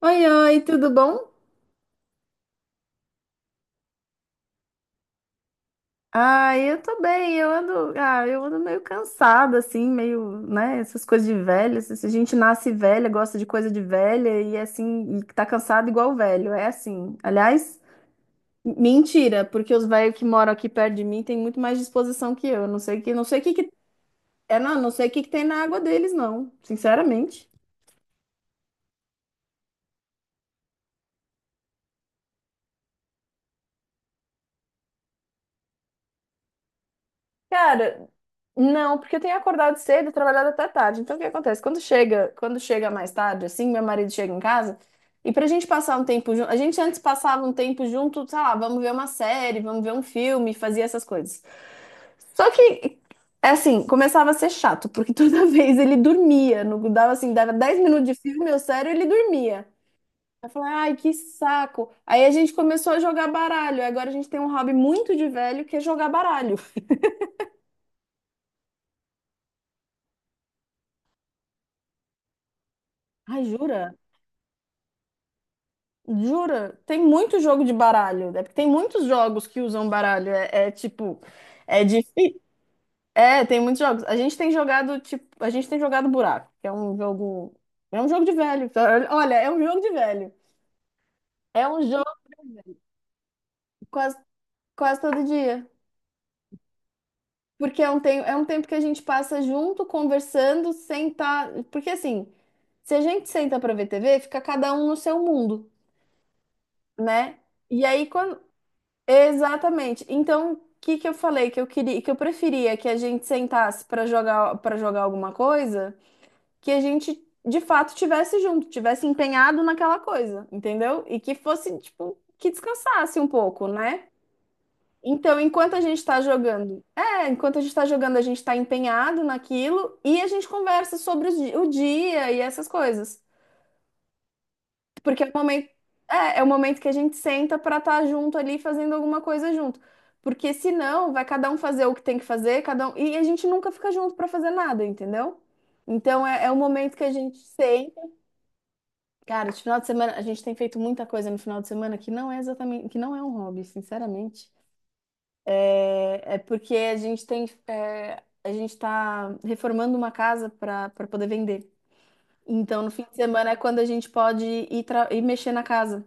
Oi, oi, tudo bom? Eu tô bem, eu ando, eu ando meio cansada, assim, meio, né, essas coisas de velho, se a gente nasce velha, gosta de coisa de velha e é assim, e tá cansado igual velho, é assim. Aliás, mentira, porque os velhos que moram aqui perto de mim têm muito mais disposição que eu, não sei que, não sei o que que, é, não, não sei o que que tem na água deles, não, sinceramente. Cara, não, porque eu tenho acordado cedo, e trabalhado até tarde. Então, o que acontece? Quando chega mais tarde, assim, meu marido chega em casa, e pra gente passar um tempo junto, a gente antes passava um tempo junto, sei lá, vamos ver uma série, vamos ver um filme, fazia essas coisas. Só que, é assim, começava a ser chato, porque toda vez ele dormia, no, dava assim, dava 10 minutos de filme, eu sério, ele dormia. Eu falei, ai, que saco. Aí a gente começou a jogar baralho. Agora a gente tem um hobby muito de velho que é jogar baralho. Ai, jura? Jura? Tem muito jogo de baralho, né? Porque tem muitos jogos que usam baralho. É, é tipo, é difícil. É, tem muitos jogos. A gente tem jogado, tipo, a gente tem jogado buraco, que é um jogo de velho. Olha, é um jogo de velho. É um jogo quase, quase todo dia. Porque é um, é um tempo que a gente passa junto, conversando, sentar. Porque assim, se a gente senta pra ver TV, fica cada um no seu mundo, né? E aí, quando, exatamente. Então, o que que eu falei que eu queria, que eu preferia que a gente sentasse para jogar alguma coisa, que a gente de fato tivesse junto, tivesse empenhado naquela coisa, entendeu? E que fosse tipo que descansasse um pouco, né? Então, enquanto a gente está jogando, a gente está empenhado naquilo e a gente conversa sobre o dia e essas coisas. Porque é o momento, é, é o momento que a gente senta para estar junto ali fazendo alguma coisa junto. Porque senão vai cada um fazer o que tem que fazer, cada um, e a gente nunca fica junto para fazer nada, entendeu? Então é, é o momento que a gente senta. Cara, esse final de semana, a gente tem feito muita coisa no final de semana que não é exatamente, que não é um hobby, sinceramente. É, é porque a gente tem, é, a gente está reformando uma casa para poder vender. Então, no fim de semana é quando a gente pode ir, ir mexer na casa.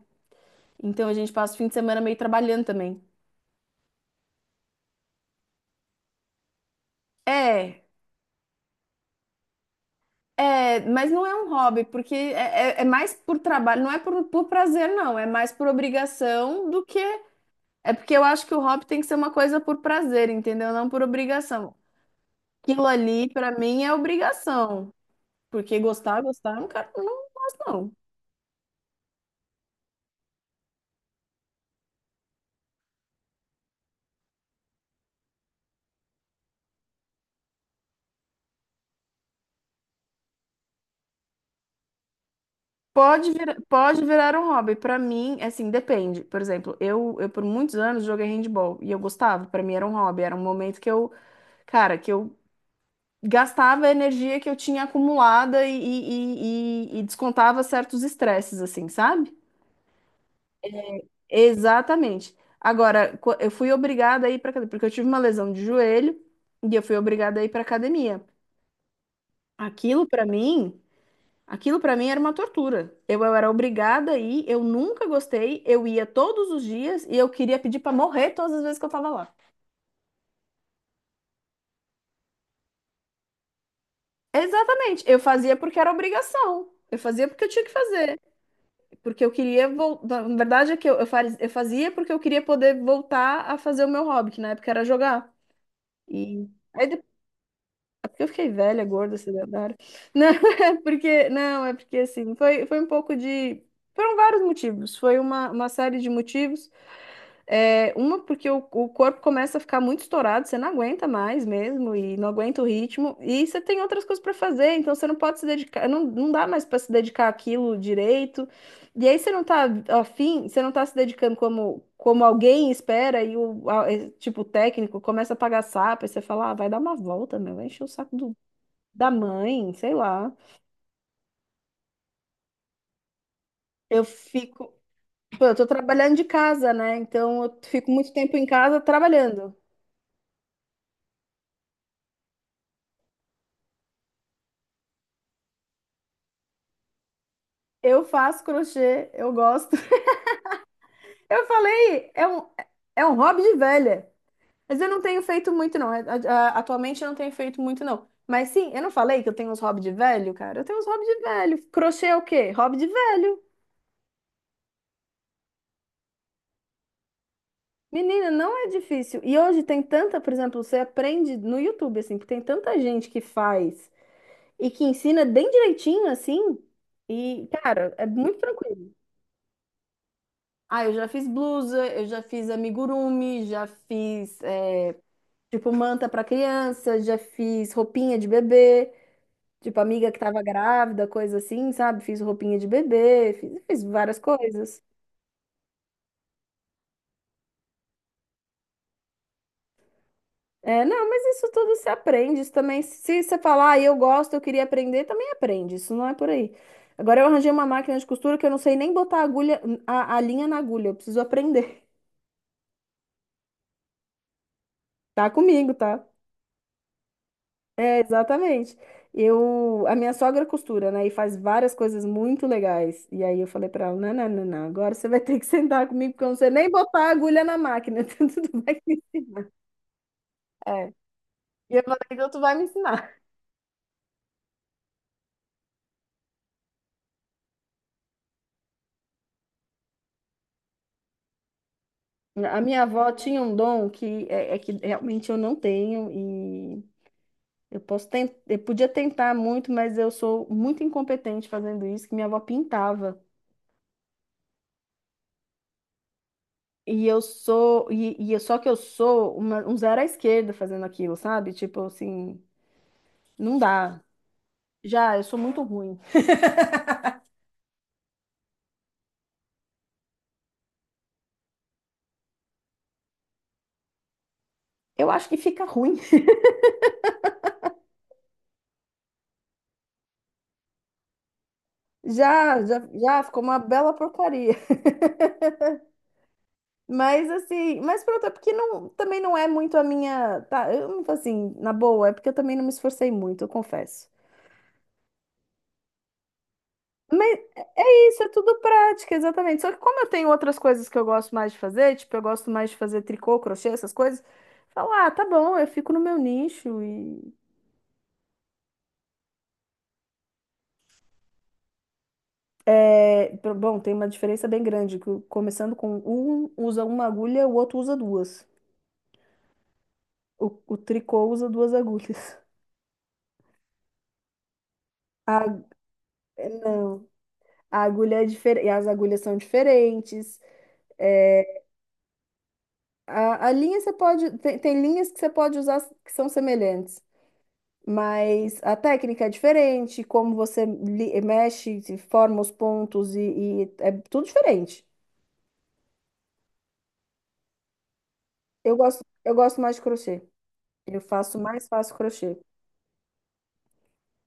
Então a gente passa o fim de semana meio trabalhando também. É, é, mas não é um hobby, porque é, é mais por trabalho, não é por prazer, não, é mais por obrigação do que. É porque eu acho que o hobby tem que ser uma coisa por prazer, entendeu? Não por obrigação. Aquilo ali, pra mim, é obrigação. Porque gostar, gostar, eu não quero, não gosto, não. Pode vir, pode virar um hobby. Pra mim, é assim, depende. Por exemplo, eu por muitos anos joguei handball e eu gostava. Pra mim era um hobby, era um momento que eu, cara, que eu gastava a energia que eu tinha acumulada e, e descontava certos estresses, assim, sabe? Exatamente. Agora, eu fui obrigada a ir para academia, porque eu tive uma lesão de joelho e eu fui obrigada a ir para academia. Aquilo para mim, aquilo para mim era uma tortura. Eu era obrigada a ir, eu nunca gostei, eu ia todos os dias e eu queria pedir para morrer todas as vezes que eu tava lá. Exatamente, eu fazia porque era obrigação. Eu fazia porque eu tinha que fazer. Porque eu queria voltar. Na verdade, é que eu, eu fazia porque eu queria poder voltar a fazer o meu hobby, que na época era jogar. E aí depois... é eu fiquei velha, gorda, sedentária. Não, é porque. Não, é porque assim, foi, foi um pouco de. Foram vários motivos. Foi uma série de motivos. É, uma, porque o corpo começa a ficar muito estourado, você não aguenta mais mesmo e não aguenta o ritmo. E você tem outras coisas para fazer, então você não pode se dedicar, não, não dá mais para se dedicar àquilo direito. E aí você não tá afim, você não tá se dedicando como, como alguém espera, e é, tipo o técnico começa a pagar sapo, e você fala, ah, vai dar uma volta, meu, vai encher o saco do, da mãe, sei lá. Eu fico. Pô, eu tô trabalhando de casa, né? Então eu fico muito tempo em casa trabalhando. Eu faço crochê, eu gosto. Eu falei, é um hobby de velha. Mas eu não tenho feito muito, não. Atualmente eu não tenho feito muito, não. Mas sim, eu não falei que eu tenho uns hobbies de velho, cara? Eu tenho uns hobbies de velho. Crochê é o quê? Hobby de velho. Menina, não é difícil. E hoje tem tanta, por exemplo, você aprende no YouTube, assim, que tem tanta gente que faz e que ensina bem direitinho, assim. E, cara, é muito tranquilo. Ah, eu já fiz blusa, eu já fiz amigurumi, já fiz. É, tipo, manta pra criança, já fiz roupinha de bebê, tipo, amiga que tava grávida, coisa assim, sabe? Fiz roupinha de bebê, fiz, fiz várias coisas. É, não, mas isso tudo se aprende, isso também, se você falar, ah, eu gosto, eu queria aprender, também aprende, isso não é por aí. Agora eu arranjei uma máquina de costura que eu não sei nem botar a agulha, a linha na agulha, eu preciso aprender. Tá comigo, tá? É, exatamente. Eu, a minha sogra costura, né? E faz várias coisas muito legais. E aí eu falei pra ela, não. Agora você vai ter que sentar comigo, porque eu não sei nem botar a agulha na máquina. Então tu vai me ensinar. É. E eu falei, então tu vai me ensinar. A minha avó tinha um dom que é, é que realmente eu não tenho e eu posso tentar, eu podia tentar muito, mas eu sou muito incompetente fazendo isso, que minha avó pintava. E eu sou, e, só que eu sou um zero à esquerda fazendo aquilo, sabe? Tipo assim, não dá. Já, eu sou muito ruim. Eu acho que fica ruim. Já, já, já ficou uma bela porcaria. Mas assim, mas pronto, é porque não, também não é muito a minha, tá, eu não assim, na boa, é porque eu também não me esforcei muito, eu confesso. Mas é isso, é tudo prática, exatamente. Só que como eu tenho outras coisas que eu gosto mais de fazer, tipo, eu gosto mais de fazer tricô, crochê, essas coisas, falo, ah, tá bom, eu fico no meu nicho. É, bom, tem uma diferença bem grande, que começando com um usa uma agulha, o outro usa duas. O tricô usa duas agulhas. A, não, a agulha é diferente, as agulhas são diferentes. É, a linha você pode, tem, tem linhas que você pode usar que são semelhantes, mas a técnica é diferente, como você mexe, se forma os pontos e é tudo diferente. Eu gosto mais de crochê. Eu faço mais fácil crochê.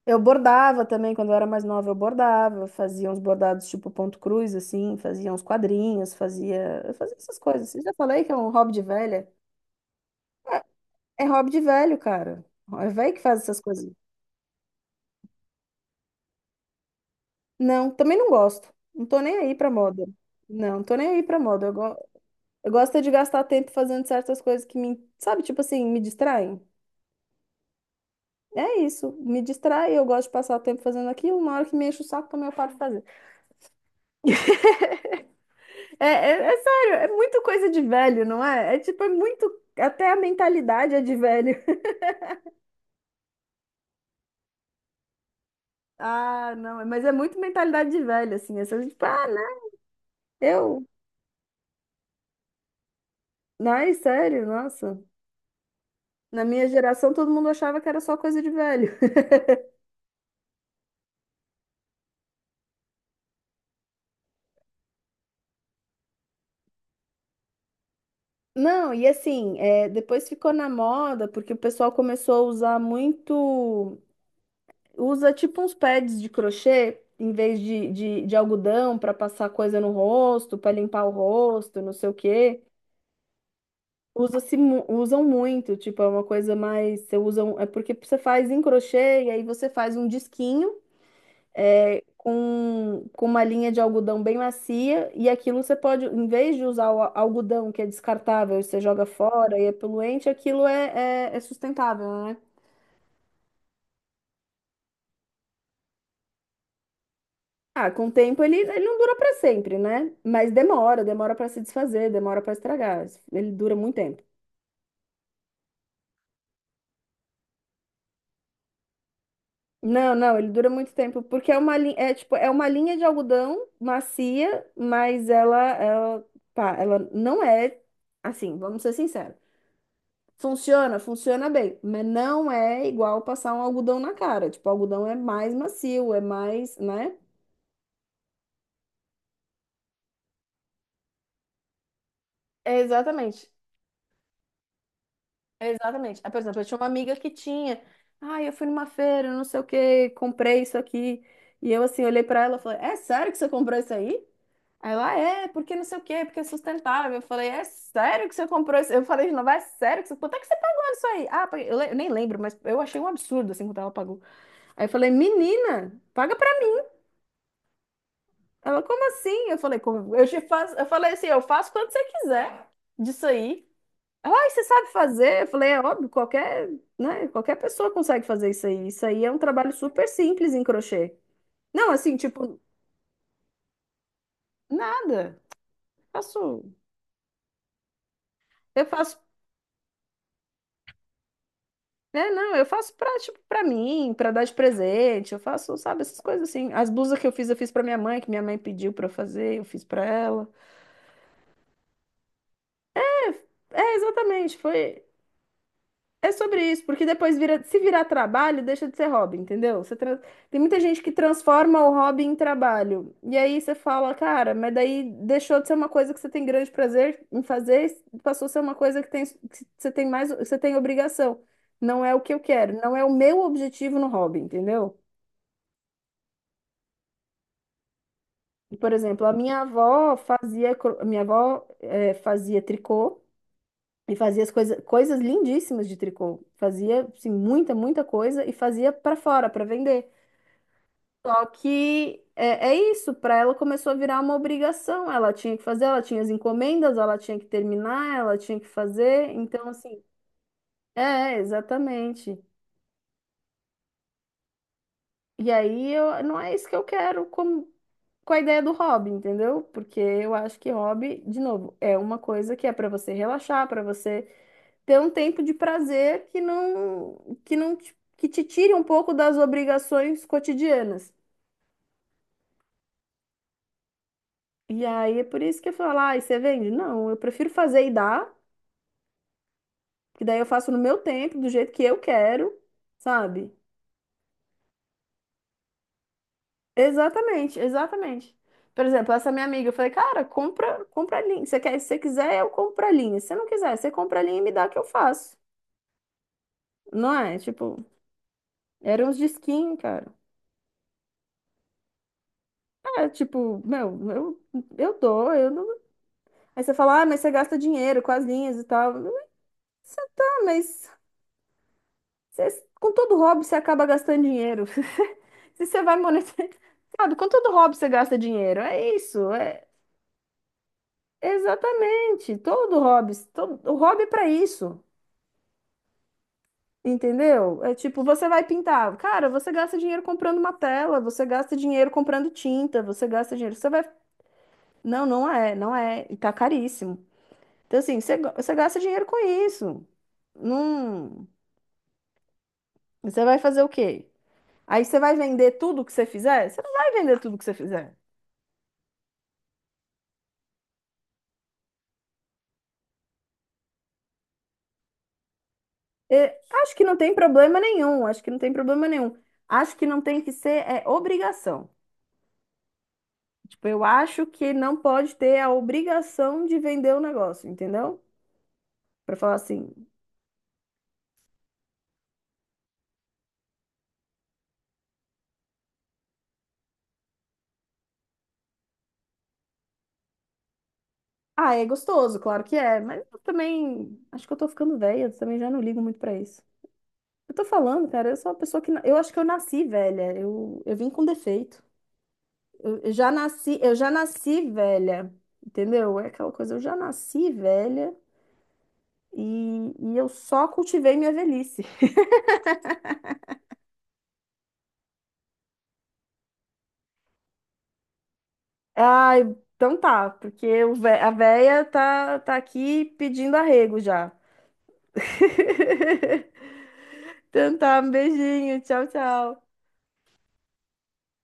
Eu bordava também, quando eu era mais nova, eu bordava, fazia uns bordados tipo ponto cruz, assim, fazia uns quadrinhos, fazia, eu fazia essas coisas. Eu já falei que é um hobby de velha? É hobby de velho, cara. É velho que faz essas coisas. Não, também não gosto. Não tô nem aí pra moda. Não, tô nem aí pra moda. Eu, eu gosto é de gastar tempo fazendo certas coisas que me, sabe, tipo assim, me distraem. É isso, me distrai, eu gosto de passar o tempo fazendo aquilo, na hora que me enche o saco também eu paro de fazer. É, é, é sério, é muito coisa de velho, não é? É tipo, é muito. Até a mentalidade é de velho. Ah, não, mas é muito mentalidade de velho, assim. Essa, tipo, ah, né? Eu. Ai, sério, nossa. Na minha geração, todo mundo achava que era só coisa de velho. Não, e assim, é, depois ficou na moda, porque o pessoal começou a usar muito. Usa tipo uns pads de crochê, em vez de, de algodão, para passar coisa no rosto, para limpar o rosto, não sei o quê. Usa-se, usam muito, tipo, é uma coisa mais, você usa, é porque você faz em crochê e aí você faz um disquinho é, com uma linha de algodão bem macia e aquilo você pode, em vez de usar o algodão que é descartável, e você joga fora e é poluente, aquilo é sustentável, né? Ah, com o tempo ele não dura para sempre, né? Mas demora para se desfazer, demora para estragar, ele dura muito tempo. Não, não, ele dura muito tempo, porque é uma, é, tipo, é uma linha de algodão macia, mas ela, pá, ela não é assim, vamos ser sinceros. Funciona bem, mas não é igual passar um algodão na cara. Tipo, o algodão é mais macio, é mais, né? É, exatamente, é exatamente. Ah, por exemplo, eu tinha uma amiga que tinha. Ah, eu fui numa feira, não sei o que, comprei isso aqui. E eu assim, olhei pra ela e falei, é sério que você comprou isso aí? Aí ela, é, porque não sei o quê, porque é sustentável. Eu falei, é sério que você comprou isso? Eu falei de novo, é sério que você... Quanto é que você pagou nisso aí? Ah, eu nem lembro, mas eu achei um absurdo, assim, quanto ela pagou. Aí eu falei, menina, paga pra mim. Ela, como assim? Eu falei, como? Eu te faço... Eu falei assim, eu faço quando você quiser disso aí. Ela, ai, você sabe fazer? Eu falei, é óbvio, qualquer, né, qualquer pessoa consegue fazer isso aí. Isso aí é um trabalho super simples em crochê. Não, assim, tipo, nada. Faço... Eu faço é, não, eu faço pra, tipo, pra mim, pra dar de presente, eu faço, sabe, essas coisas assim. As blusas que eu fiz pra minha mãe, que minha mãe pediu pra eu fazer, eu fiz pra ela. É, é, exatamente, foi... É sobre isso, porque depois vira, se virar trabalho, deixa de ser hobby, entendeu? Você tem muita gente que transforma o hobby em trabalho. E aí você fala, cara, mas daí deixou de ser uma coisa que você tem grande prazer em fazer, passou a ser uma coisa que você tem mais, que você tem obrigação. Não é o que eu quero, não é o meu objetivo no hobby, entendeu? Por exemplo, a minha avó fazia, minha avó fazia tricô e fazia as coisas lindíssimas de tricô. Fazia assim, muita coisa e fazia para fora, para vender. Só que é, é isso, para ela começou a virar uma obrigação. Ela tinha que fazer, ela tinha as encomendas, ela tinha que terminar, ela tinha que fazer. Então, assim, é, exatamente. E aí eu, não é isso que eu quero como com a ideia do hobby, entendeu? Porque eu acho que hobby, de novo, é uma coisa que é para você relaxar, para você ter um tempo de prazer que não te, que te tire um pouco das obrigações cotidianas. E aí é por isso que eu falo, ah, e você vende? Não, eu prefiro fazer e dar, que daí eu faço no meu tempo, do jeito que eu quero, sabe? Exatamente, exatamente. Por exemplo, essa minha amiga, eu falei, cara, compra linha. Você quer, se você quiser, eu compro a linha. Se você não quiser, você compra a linha e me dá que eu faço. Não é? Tipo, eram uns de cara. É, tipo, eu dou, eu não. Aí você fala, ah, mas você gasta dinheiro com as linhas e tal. Você tá, mas com todo hobby você acaba gastando dinheiro. Se você vai monetizar. Sabe, com todo hobby você gasta dinheiro. É isso, é exatamente. Todo hobby, todo, o hobby é pra isso. Entendeu? É tipo, você vai pintar. Cara, você gasta dinheiro comprando uma tela, você gasta dinheiro comprando tinta, você gasta dinheiro. Você vai não, não é, não é. E tá caríssimo. Então, assim, você você gasta dinheiro com isso. Não. Você vai fazer o quê? Aí você vai vender tudo que você fizer? Você não vai vender tudo que você fizer. É, acho que não tem problema nenhum. Acho que não tem problema nenhum. Acho que não tem que ser é, obrigação. Tipo, eu acho que não pode ter a obrigação de vender o negócio, entendeu? Pra falar assim, ah, é gostoso, claro que é, mas eu também acho que eu tô ficando velha, também já não ligo muito pra isso. Eu tô falando, cara, eu sou uma pessoa que. Eu acho que eu nasci velha. Eu vim com defeito. Eu já nasci velha. Entendeu? É aquela coisa, eu já nasci velha e eu só cultivei minha velhice. Ah, então tá, porque o a véia tá aqui pedindo arrego já. Então tá, um beijinho, tchau, tchau.